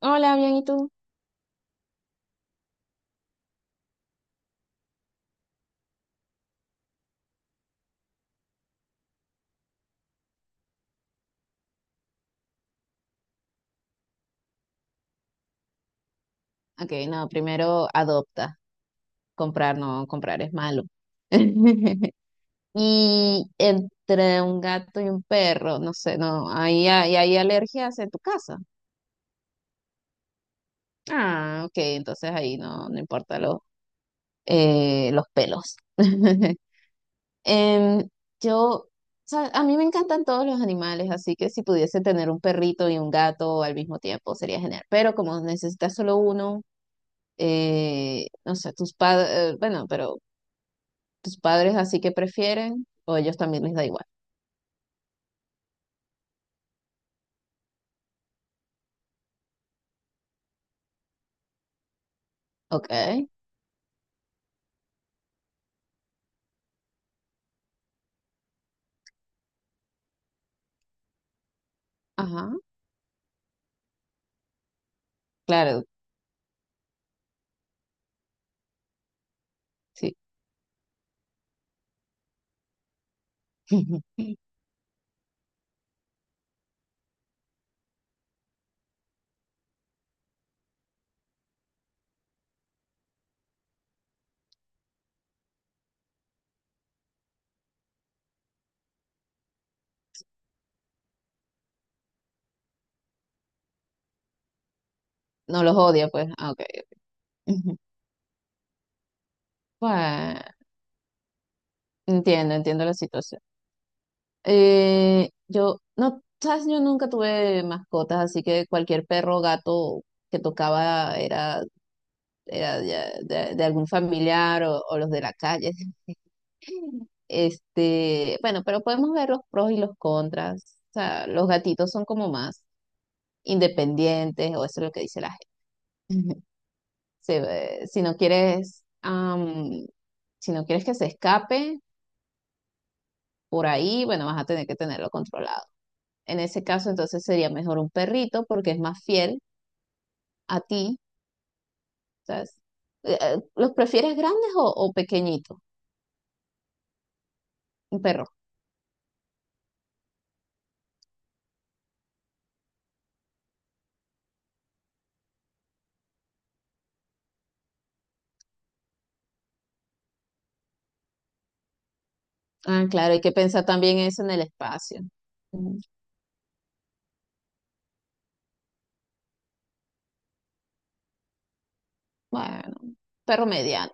Hola, bien, ¿y tú? Ok, no, primero adopta. Comprar, no, comprar es malo. Y entre un gato y un perro, no sé, no, ahí hay alergias en tu casa. Ah, ok, entonces ahí no, no importa los pelos. Em, yo, o sea, a mí me encantan todos los animales, así que si pudiese tener un perrito y un gato al mismo tiempo sería genial. Pero como necesitas solo uno, no sé, tus padres, bueno, pero ¿tus padres así que prefieren o ellos también les da igual? Ok, ajá, claro, sí. No los odia, pues. Ah, ok. Ujú. Bueno, entiendo, entiendo la situación. Yo, no, sabes, yo nunca tuve mascotas, así que cualquier perro o gato que tocaba era, era de algún familiar o los de la calle. Este, bueno, pero podemos ver los pros y los contras. O sea, los gatitos son como más independientes, o eso es lo que dice la gente. Se ve- si no quieres, am, si no quieres que se escape por ahí, bueno, vas a tener que tenerlo controlado. En ese caso, entonces sería mejor un perrito porque es más fiel a ti, ¿sabes? ¿Los prefieres grandes o pequeñitos? Un perro. Ah, claro, hay que pensar también eso en el espacio. Mm, bueno, perro mediano,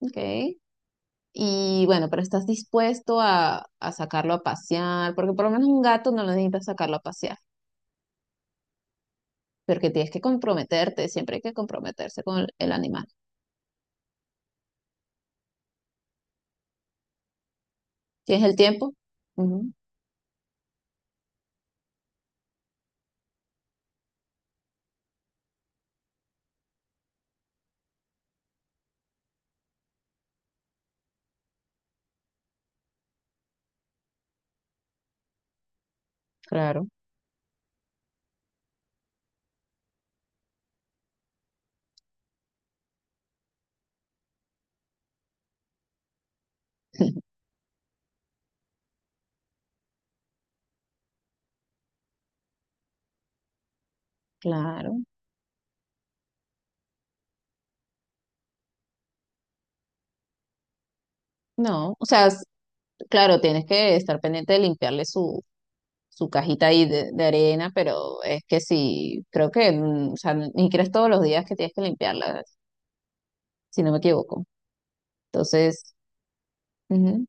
ok. Y bueno, pero estás dispuesto a sacarlo a pasear, porque por lo menos un gato no lo necesitas sacarlo a pasear porque tienes que comprometerte, siempre hay que comprometerse con el animal. ¿Tienes el tiempo? Ujú, claro. Claro. No, o sea, claro, tienes que estar pendiente de limpiarle su, su cajita ahí de arena, pero es que sí, creo que, mm, o sea, ni crees todos los días que tienes que limpiarla, si no me equivoco. Entonces, ujú,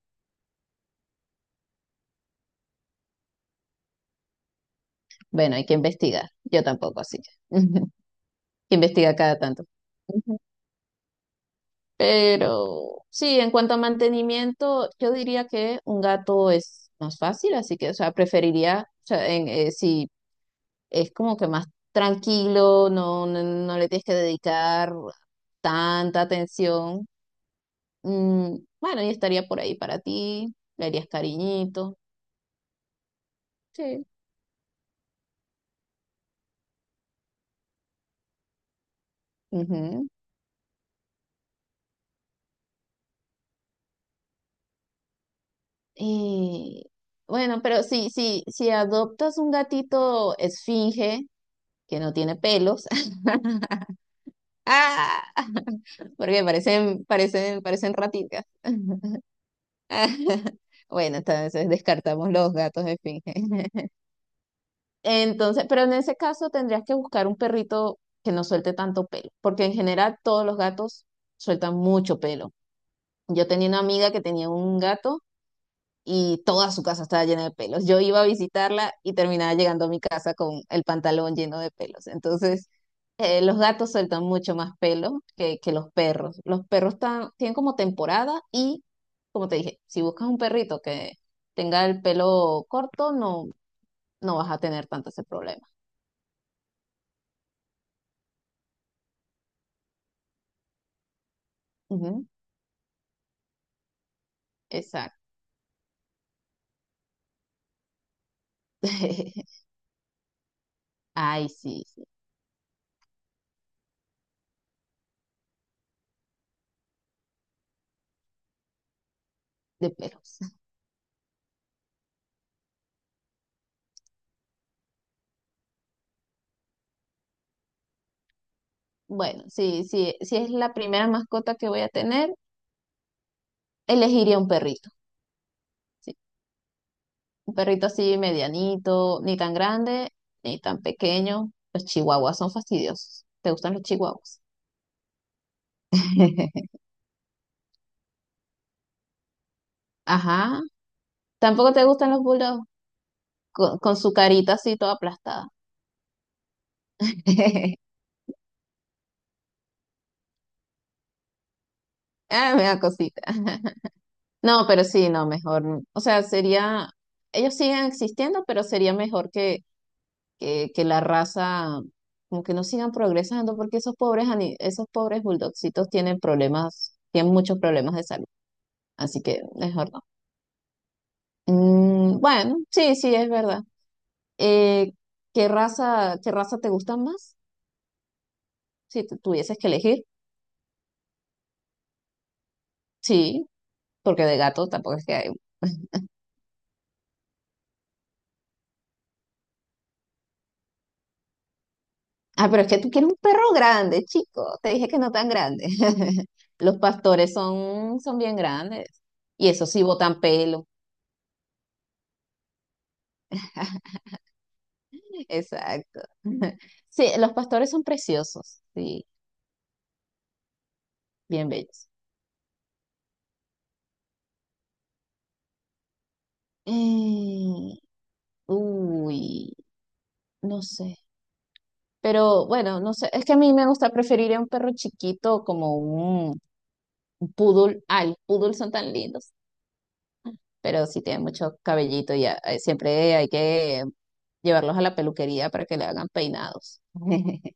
bueno, hay que investigar. Yo tampoco, así que, que investiga cada tanto. Pero sí, en cuanto a mantenimiento, yo diría que un gato es más fácil, así que, o sea, preferiría, o sea, si es como que más tranquilo, no, no, no le tienes que dedicar tanta atención. Mm, bueno, y estaría por ahí para ti, le harías cariñito. Sí. Ujú. Y bueno, pero si adoptas un gatito esfinge que no tiene pelos, ¡ah! Porque parecen ratitas. Bueno, entonces descartamos los gatos esfinge. Entonces, pero en ese caso tendrías que buscar un perrito que no suelte tanto pelo, porque en general todos los gatos sueltan mucho pelo. Yo tenía una amiga que tenía un gato y toda su casa estaba llena de pelos. Yo iba a visitarla y terminaba llegando a mi casa con el pantalón lleno de pelos. Entonces, los gatos sueltan mucho más pelo que los perros. Los perros tienen como temporada y, como te dije, si buscas un perrito que tenga el pelo corto, no, no vas a tener tanto ese problema. Ujú, exacto. Ay, sí, sí, de pelos. Bueno, sí, sí, si es la primera mascota que voy a tener, elegiría un perrito. Sí. Un perrito así medianito, ni tan grande, ni tan pequeño. Los chihuahuas son fastidiosos. ¿Te gustan los chihuahuas? Ajá. ¿Tampoco te gustan los bulldogs? Con su carita así toda aplastada. Ah, me da cosita. No, pero sí, no, mejor. O sea, sería, ellos siguen existiendo, pero sería mejor que, que la raza, como que no sigan progresando, porque esos pobres, esos pobres bulldogcitos tienen problemas, tienen muchos problemas de salud. Así que mejor. Mm, bueno, sí, sí, es verdad. Eh, qué raza te gusta más? Si te tuvieses que elegir. Sí, porque de gato tampoco es que hay. Ah, pero es que tú quieres un perro grande, chico. Te dije que no tan grande. Los pastores son, son bien grandes. Y eso sí, botan pelo. Exacto. Sí, los pastores son preciosos. Sí, bien bellos. Eh, uy, no sé. Pero bueno, no sé, es que a mí me gusta preferir a un perro chiquito como un poodle. Ah, los poodles son tan lindos, pero sí tienen mucho cabellito y siempre hay que llevarlos a la peluquería para que le hagan peinados.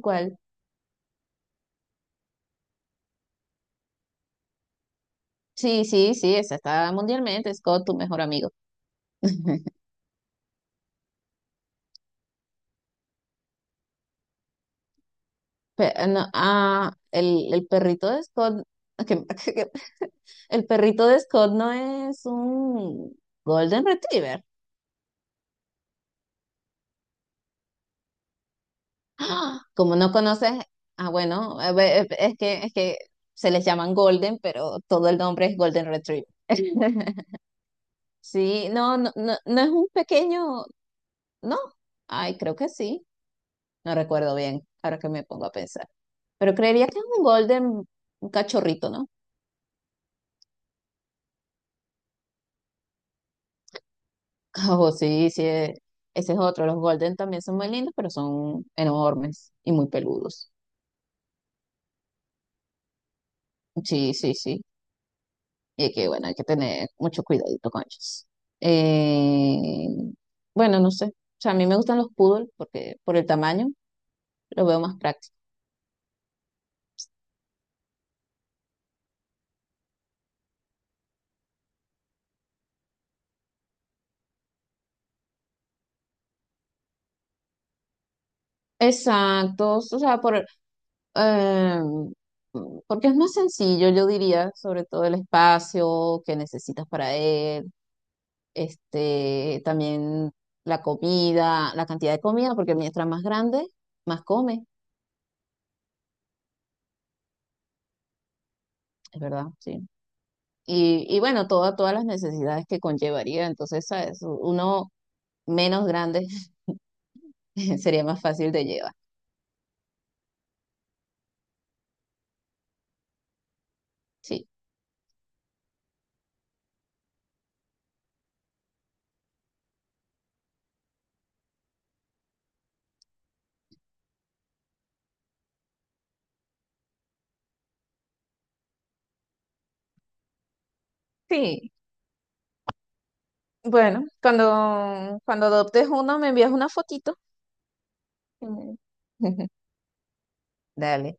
¿Cuál? Sí, sí, sí, esa está mundialmente, Scott, tu mejor amigo. No, ah, el perrito de Scott, que- que- el perrito de Scott no es un Golden Retriever. ¡Ah! Como no conoces, ah, bueno, a ver, es que se les llaman Golden, pero todo el nombre es Golden Retriever. Sí, no, no, no, no es un pequeño, no, ay, creo que sí, no recuerdo bien, ahora que me pongo a pensar, pero creería que es un golden, un cachorrito, ¿no? Oh, sí, sí, ese es otro, los golden también son muy lindos, pero son enormes y muy peludos. Sí, sí, sí. Y que bueno, hay que tener mucho cuidadito con ellos. Eh, bueno, no sé. O sea, a mí me gustan los poodle porque por el tamaño los veo más prácticos. Exactos, eh, porque es más sencillo, yo diría, sobre todo el espacio que necesitas para él, este, también la comida, la cantidad de comida, porque mientras más grande, más come, es verdad, sí. Y bueno, todas las necesidades que conllevaría. Entonces, ¿sabes? Uno menos grande sería más fácil de llevar. Sí. Sí, bueno, cuando, cuando adoptes uno me envías una fotito. Y dale.